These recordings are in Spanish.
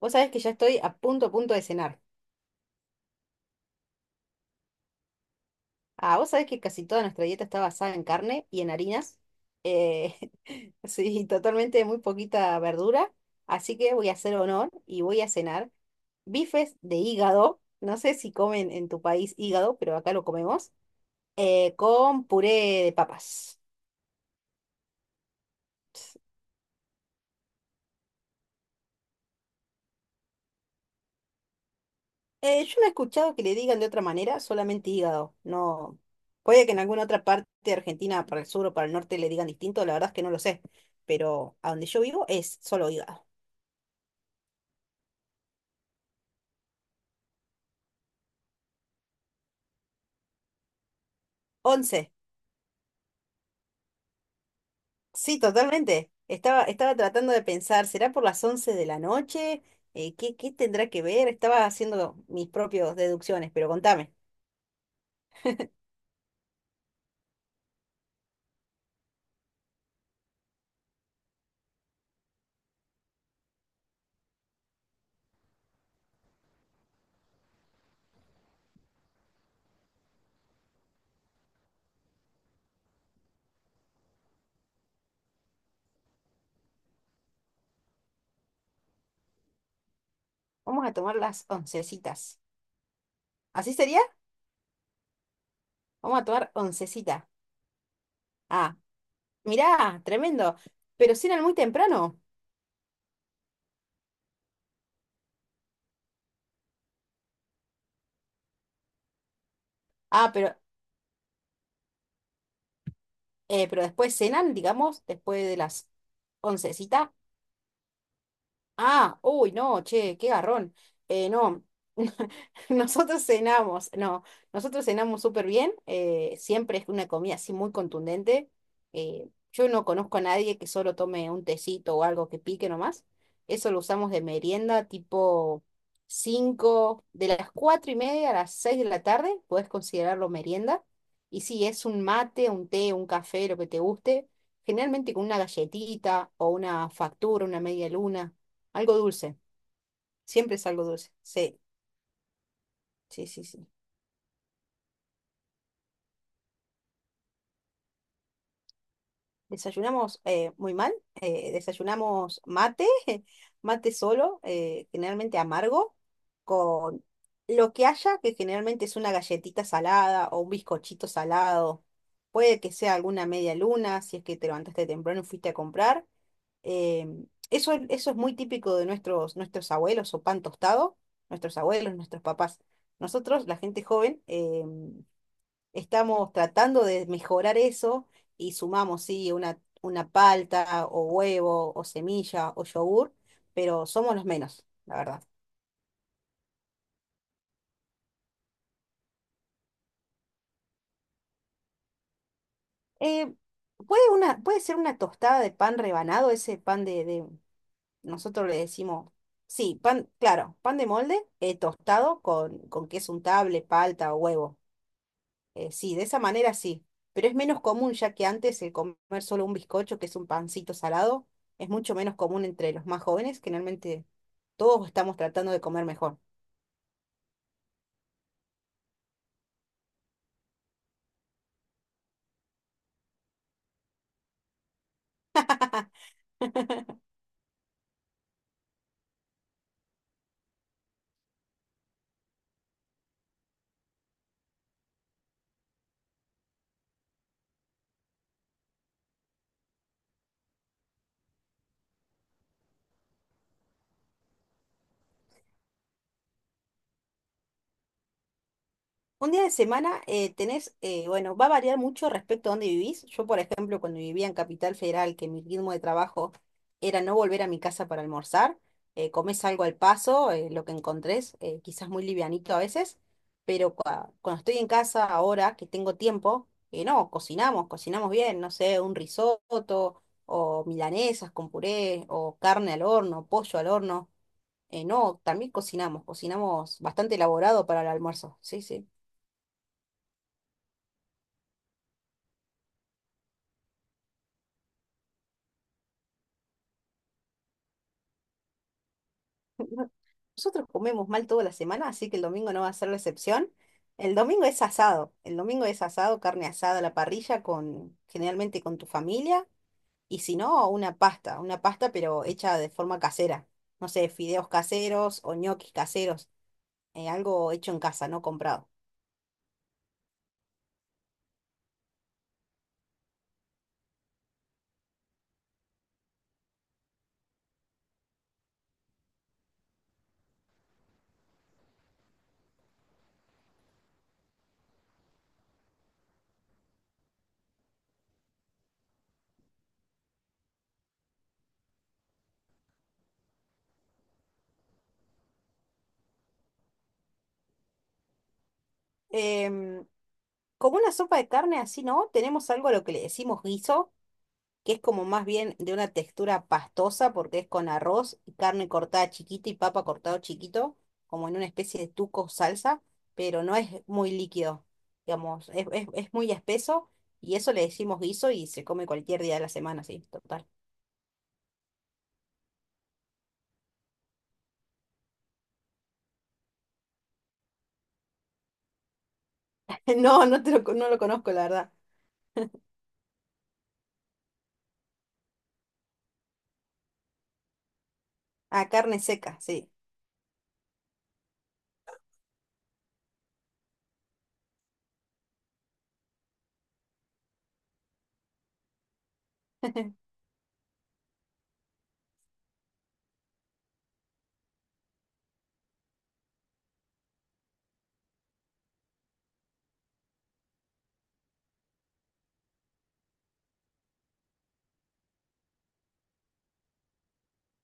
Vos sabés que ya estoy a punto de cenar. Ah, vos sabés que casi toda nuestra dieta está basada en carne y en harinas. Eh, sí, totalmente muy poquita verdura. Así que voy a hacer honor y voy a cenar bifes de hígado. No sé si comen en tu país hígado, pero acá lo comemos. Con puré de papas. Yo no he escuchado que le digan de otra manera, solamente hígado. No, puede que en alguna otra parte de Argentina, para el sur o para el norte, le digan distinto, la verdad es que no lo sé. Pero a donde yo vivo es solo hígado. Once. Sí, totalmente. Estaba tratando de pensar, ¿será por las 11 de la noche? ¿Qué tendrá que ver? Estaba haciendo mis propias deducciones, pero contame. Vamos a tomar las oncecitas. ¿Así sería? Vamos a tomar oncecita. Ah, mirá, tremendo. Pero cenan muy temprano. Ah, pero pero después cenan, digamos, después de las oncecita. Ah, uy, no, che, qué garrón. No, nosotros cenamos, no, nosotros cenamos súper bien, siempre es una comida así muy contundente. Yo no conozco a nadie que solo tome un tecito o algo que pique nomás. Eso lo usamos de merienda tipo cinco, de las 4:30 a las 6 de la tarde, puedes considerarlo merienda. Y sí, es un mate, un té, un café, lo que te guste, generalmente con una galletita o una factura, una media luna, algo dulce, siempre es algo dulce. Sí, sí, sí, sí. Desayunamos muy mal, desayunamos mate, mate solo, generalmente amargo, con lo que haya, que generalmente es una galletita salada o un bizcochito salado. Puede que sea alguna media luna, si es que te levantaste temprano y fuiste a comprar. Eso es muy típico de nuestros abuelos o pan tostado, nuestros abuelos, nuestros papás. Nosotros, la gente joven, estamos tratando de mejorar eso y sumamos, sí, una palta o huevo o semilla o yogur, pero somos los menos, la verdad. Eh, puede ser una tostada de pan rebanado, ese pan de, nosotros le decimos, sí, pan, claro, pan de molde, tostado con queso untable, palta o huevo. Sí, de esa manera sí, pero es menos común ya que antes el comer solo un bizcocho, que es un pancito salado, es mucho menos común entre los más jóvenes, que realmente todos estamos tratando de comer mejor. Un día de semana tenés, bueno, va a variar mucho respecto a dónde vivís. Yo, por ejemplo, cuando vivía en Capital Federal, que mi ritmo de trabajo era no volver a mi casa para almorzar, comés algo al paso, lo que encontrés, quizás muy livianito a veces, pero cuando estoy en casa ahora, que tengo tiempo, no, cocinamos bien, no sé, un risotto o milanesas con puré o carne al horno, pollo al horno. No, también cocinamos bastante elaborado para el almuerzo, sí, sí. No, nosotros comemos mal toda la semana, así que el domingo no va a ser la excepción. El domingo es asado. El domingo es asado, carne asada a la parrilla con generalmente con tu familia y si no, una pasta pero hecha de forma casera. No sé, fideos caseros o ñoquis caseros, algo hecho en casa, no comprado. Em, Como una sopa de carne así, ¿no? Tenemos algo a lo que le decimos guiso, que es como más bien de una textura pastosa porque es con arroz y carne cortada chiquita y papa cortado chiquito, como en una especie de tuco salsa, pero no es muy líquido, digamos, es muy espeso, y eso le decimos guiso y se come cualquier día de la semana, sí, total. No, no lo conozco, la verdad. Ah, carne seca, sí.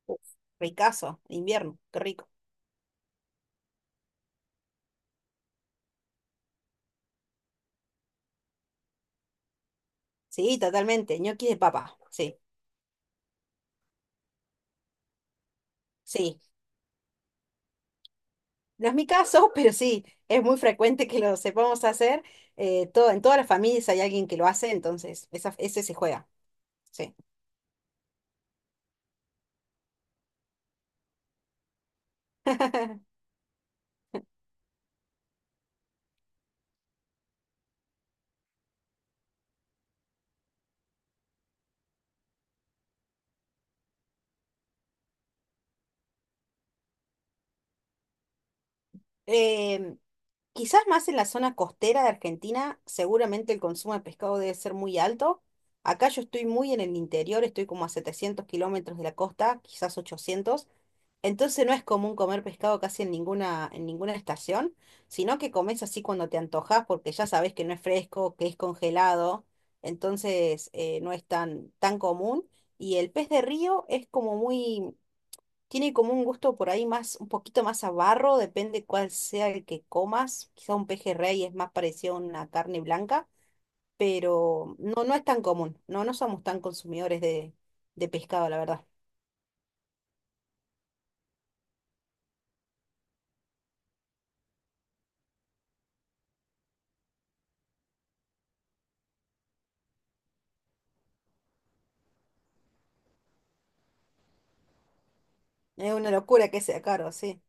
Uf, ricazo, de invierno, qué rico. Sí, totalmente, ñoquis de papa, sí, sí. No es mi caso, pero sí, es muy frecuente que lo sepamos hacer. Eh, todo, en todas las familias hay alguien que lo hace, entonces esa, ese se juega. Sí. Em, Quizás más en la zona costera de Argentina, seguramente el consumo de pescado debe ser muy alto. Acá yo estoy muy en el interior, estoy como a 700 kilómetros de la costa, quizás 800. Entonces no es común comer pescado casi en ninguna estación, sino que comes así cuando te antojas porque ya sabes que no es fresco, que es congelado, entonces no es tan, tan común. Y el pez de río es como muy, tiene como un gusto por ahí más, un poquito más a barro, depende cuál sea el que comas. Quizá un pejerrey es más parecido a una carne blanca, pero no, no es tan común. No, no somos tan consumidores de pescado, la verdad. Es una locura que sea caro, sí.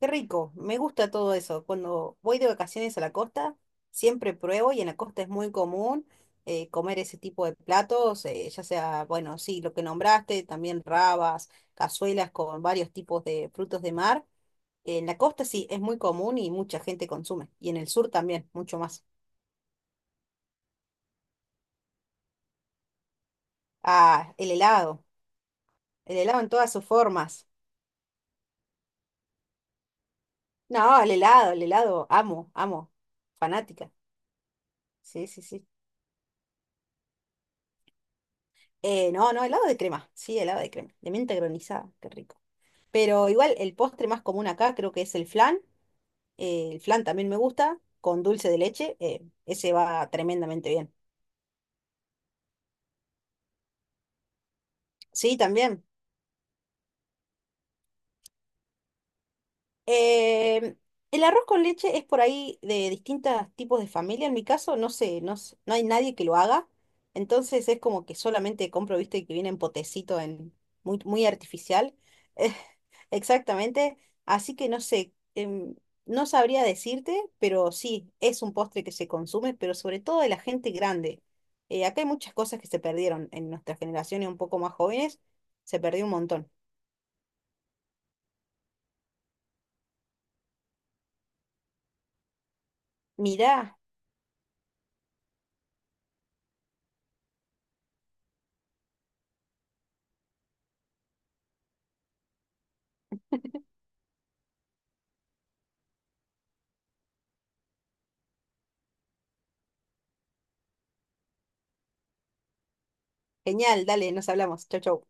Qué rico, me gusta todo eso. Cuando voy de vacaciones a la costa, siempre pruebo y en la costa es muy común comer ese tipo de platos, ya sea, bueno, sí, lo que nombraste, también rabas, cazuelas con varios tipos de frutos de mar. En la costa sí, es muy común y mucha gente consume. Y en el sur también, mucho más. Ah, el helado en todas sus formas. No, el helado, amo, amo, fanática. Sí, sí, sí. No, no, helado de crema, sí, helado de crema, de menta granizada, qué rico. Pero igual el postre más común acá creo que es el flan también me gusta, con dulce de leche, ese va tremendamente bien. Sí, también. Eh, el arroz con leche es por ahí de distintos tipos de familia. En mi caso, no sé, no, no hay nadie que lo haga. Entonces es como que solamente compro, viste, que viene en potecito, en, muy, muy artificial. Eh, exactamente. Así que no sé, no sabría decirte, pero sí, es un postre que se consume, pero sobre todo de la gente grande. Acá hay muchas cosas que se perdieron en nuestra generación y un poco más jóvenes. Se perdió un montón. Mirá, genial, dale, nos hablamos. Chau, chau.